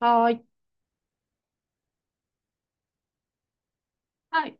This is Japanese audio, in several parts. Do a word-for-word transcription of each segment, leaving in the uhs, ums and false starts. はい。はい。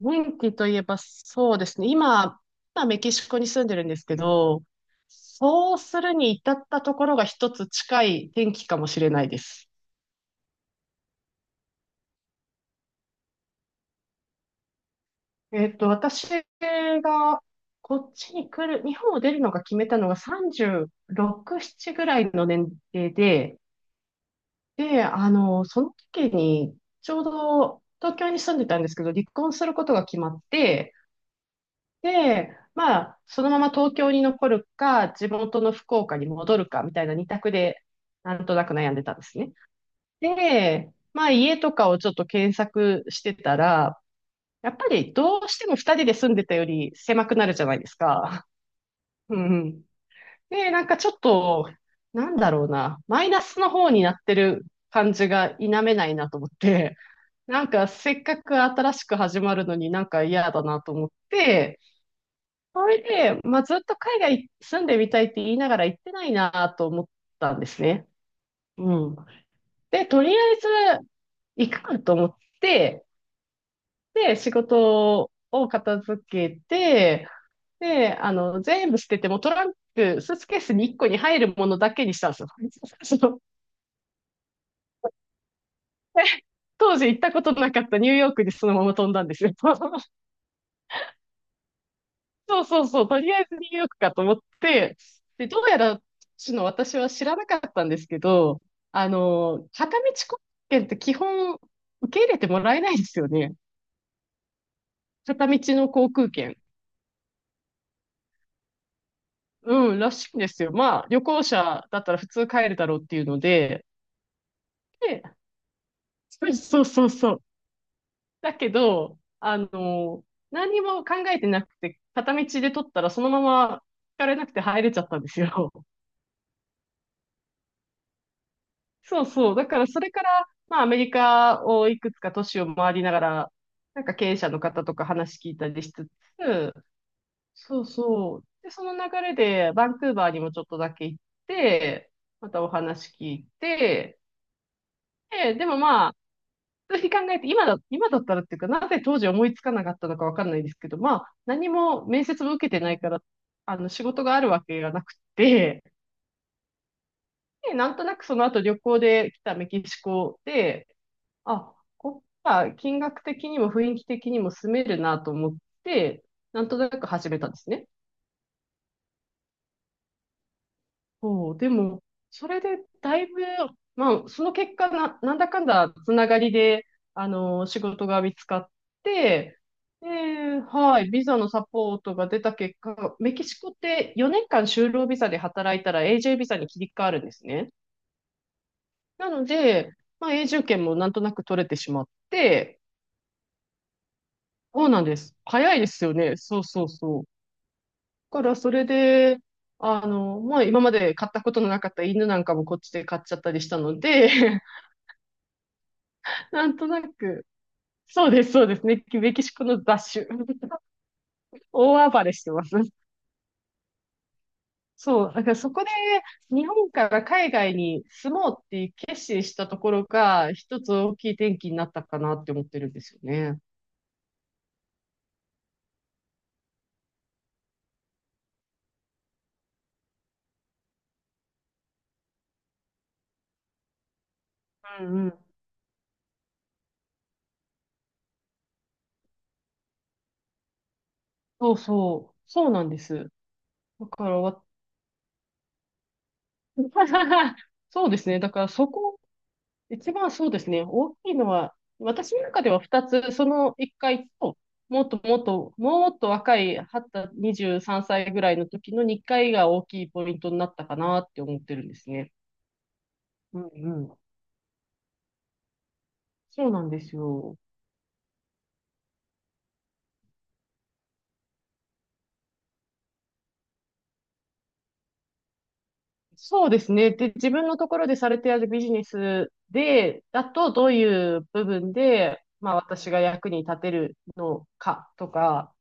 天気といえばそうですね。今、今メキシコに住んでるんですけど、そうするに至ったところが一つ近い天気かもしれないです。えっと、私がこっちに来る、日本を出るのが決めたのがさんじゅうろく、ななぐらいの年齢で、で、あの、その時にちょうど東京に住んでたんですけど、離婚することが決まって、で、まあ、そのまま東京に残るか、地元の福岡に戻るかみたいな二択で、なんとなく悩んでたんですね。で、まあ、家とかをちょっと検索してたら、やっぱりどうしても二人で住んでたより狭くなるじゃないですか。うんうん。で、なんかちょっと、なんだろうな、マイナスの方になってる感じが否めないなと思って、なんかせっかく新しく始まるのになんか嫌だなと思って、それで、まあ、ずっと海外住んでみたいって言いながら行ってないなと思ったんですね。うん。で、とりあえず行くかと思って、で、仕事を片付けて、で、あの、全部捨てて、もうトランク、スーツケースにいっこに入るものだけにしたんですよ。その当時行ったことなかったニューヨークにそのまま飛んだんですよ。そうそうそう、とりあえずニューヨークかと思って、で、どうやら、その私は知らなかったんですけど、あの、片道航空券って基本受け入れてもらえないですよね。片道の航空券。うん、らしいんですよ。まあ、旅行者だったら普通帰るだろうっていうので、で、そうそうそうそう。だけど、あの、何にも考えてなくて、片道で取ったらそのまま引かれなくて入れちゃったんですよ。そうそう。だからそれから、まあアメリカをいくつか都市を回りながら、なんか経営者の方とか話聞いたりしつつ、そうそう。で、その流れでバンクーバーにもちょっとだけ行って、またお話聞いて、で、でもまあ、普通に考えて、今だ、今だったらっていうか、なぜ当時思いつかなかったのかわかんないですけど、まあ、何も面接も受けてないから、あの、仕事があるわけがなくて、で、なんとなくその後旅行で来たメキシコで、あ、こっちは金額的にも雰囲気的にも住めるなと思って、なんとなく始めたんですね。そう、でも、それでだいぶ、まあ、その結果な、なんだかんだつながりで、あの、仕事が見つかって、で、はい、ビザのサポートが出た結果、メキシコってよねんかん就労ビザで働いたら永住ビザに切り替わるんですね。なので、まあ、永住権もなんとなく取れてしまって、そうなんです。早いですよね。そうそうそう。からそれで、あの、まあ今まで買ったことのなかった犬なんかもこっちで買っちゃったりしたので、なんとなく、そうです、そうですね。メキシコの雑種。大暴れしてます。そう。だからそこで日本から海外に住もうって決心したところが一つ大きい転機になったかなって思ってるんですよね。うんうん。そうそう。そうなんです。だからわ、そうですね。だからそこ一番そうですね、大きいのは、私の中ではふたつ、そのいっかいと、もっともっと、もっと若い、にじゅうさんさいぐらいの時のにかいが大きいポイントになったかなって思ってるんですね。うんうん。そうなんですよ。そうですね。で、自分のところでされているビジネスで、だとどういう部分で、まあ私が役に立てるのかとか、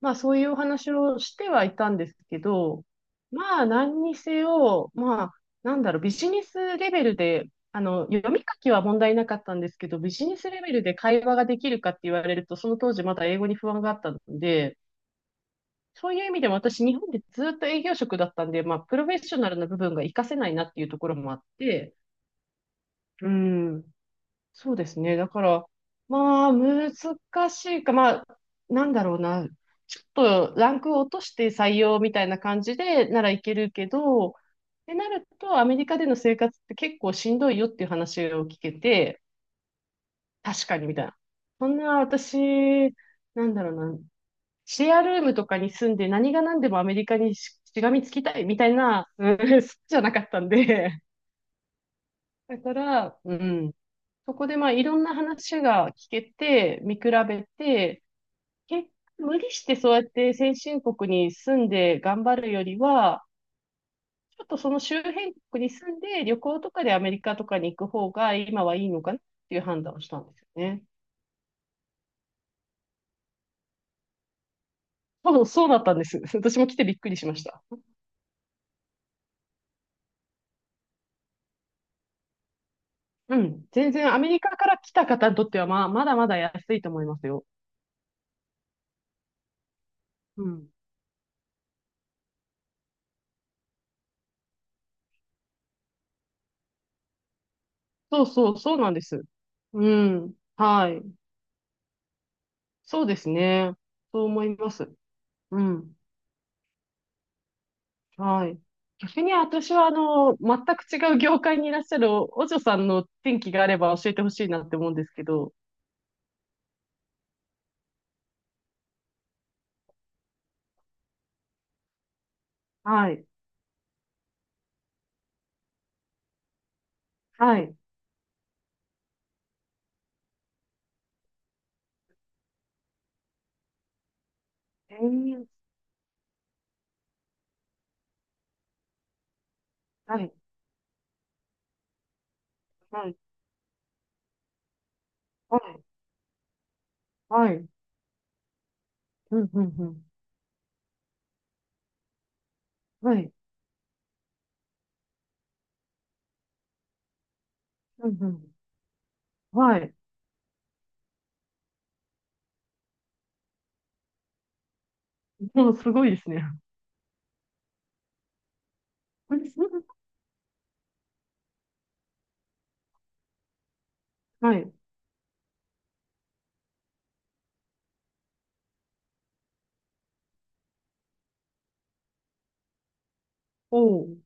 まあそういうお話をしてはいたんですけど、まあ何にせよ、まあなんだろう、ビジネスレベルで、あの、読み書きは問題なかったんですけど、ビジネスレベルで会話ができるかって言われると、その当時まだ英語に不安があったので、そういう意味でも私日本でずっと営業職だったんで、まあプロフェッショナルな部分が活かせないなっていうところもあって、うん。そうですね。だから、まあ、難しいか、まあ、なんだろうな。ちょっとランクを落として採用みたいな感じでならいけるけど、ってなると、アメリカでの生活って結構しんどいよっていう話を聞けて、確かにみたいな。そんな私、なんだろうな。シェアルームとかに住んで何が何でもアメリカにししがみつきたいみたいな、うん、好きじゃなかったんで。だから、うん。そこでまあいろんな話が聞けて、見比べて、結無理してそうやって先進国に住んで頑張るよりは、ちょっとその周辺国に住んで旅行とかでアメリカとかに行く方が今はいいのかなっていう判断をしたんですよね。多分そうだったんです。私も来てびっくりしました。うん。全然アメリカから来た方にとってはまあ、まだまだ安いと思いますよ。うん。そうそう、そうなんです。うん。はい。そうですね。そう思います。うん。はい。逆に私はあの、全く違う業界にいらっしゃるお、お嬢さんの転機があれば教えてほしいなって思うんですけど。はい。はい。えー、はい。はい。はい。はい。うん、うん、うん。はい。うん、うん。はい。もうすごいですね。はい。おー。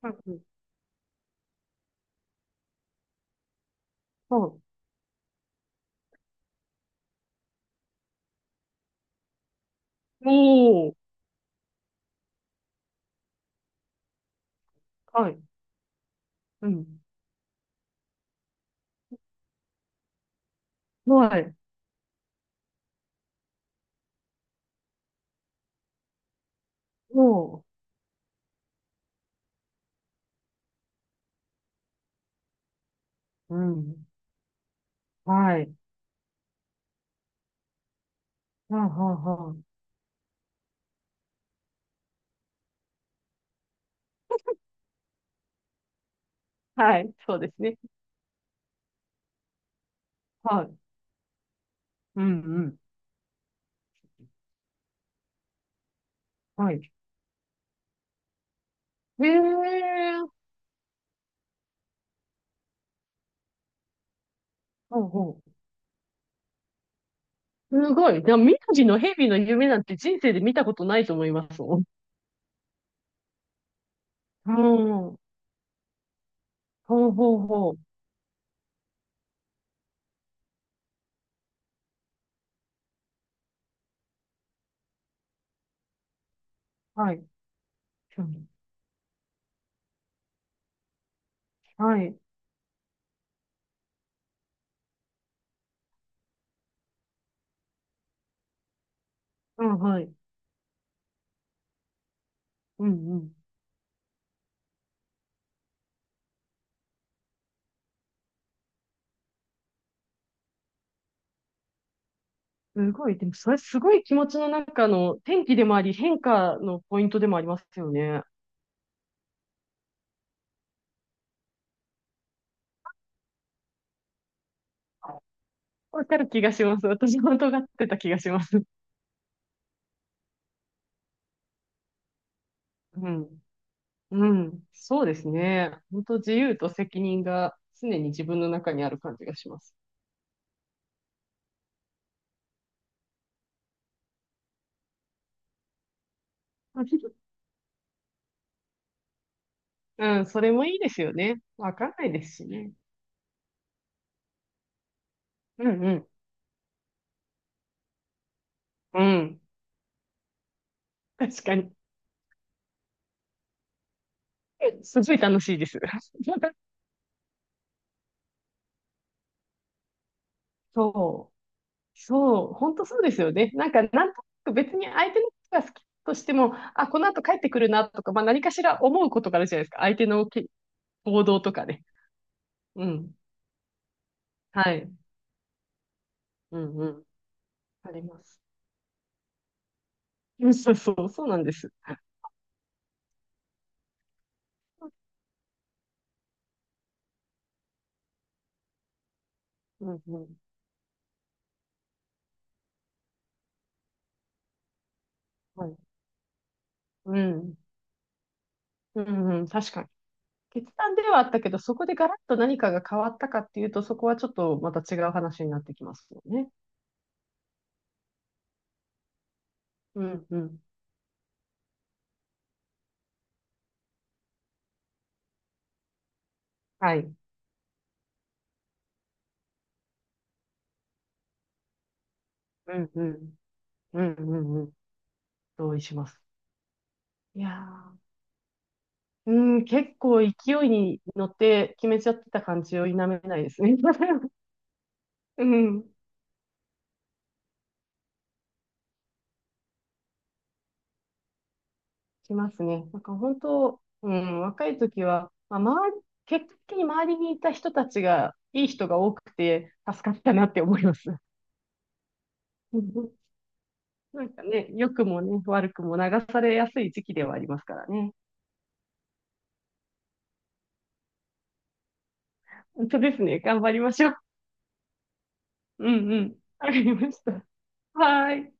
はい。はい。おー。はい。うん。はい。おー。うん。はい。はあはあはあはい。そうですね。はい。うん、うん。はい。へえ、うんうん。すごい。でも、宮城の蛇の夢なんて人生で見たことないと思いますもん。うん。ほうほうほう。はい。うんはい。うん、はい。うんうん。すごい。でも、それすごい気持ちの中の天気でもあり、変化のポイントでもありますよね。わかる気がします。私も尖ってた気がします。うん。うん。そうですね。本当自由と責任が常に自分の中にある感じがします。うん、それもいいですよね。わかんないですしね。うんうん。うん。確かに。すごい楽しいです。そう。そう。本当そうですよね。なんか、なんとなく別に相手のことが好きとしても、あ、この後帰ってくるなとか、まあ何かしら思うことがあるじゃないですか。相手のき行動とかね。うん。はい。うんうん。あります。うんそうそう、そうなんです。うんうん。はい。うん。うんうん。確かに。決断ではあったけど、そこでガラッと何かが変わったかっていうと、そこはちょっとまた違う話になってきますよね。うんうん。はい。うんうん。うんうんうん。同意します。いやー。うん、結構勢いに乗って決めちゃってた感じを否めないですね。うん、しますね。なんか本当、うん、若い時は、まあ、周り、結果的に周りにいた人たちが、いい人が多くて助かったなって思います。なんかね、良くもね、悪くも流されやすい時期ではありますからね。本当ですね。頑張りましょう。うんうん。わかりました。はーい。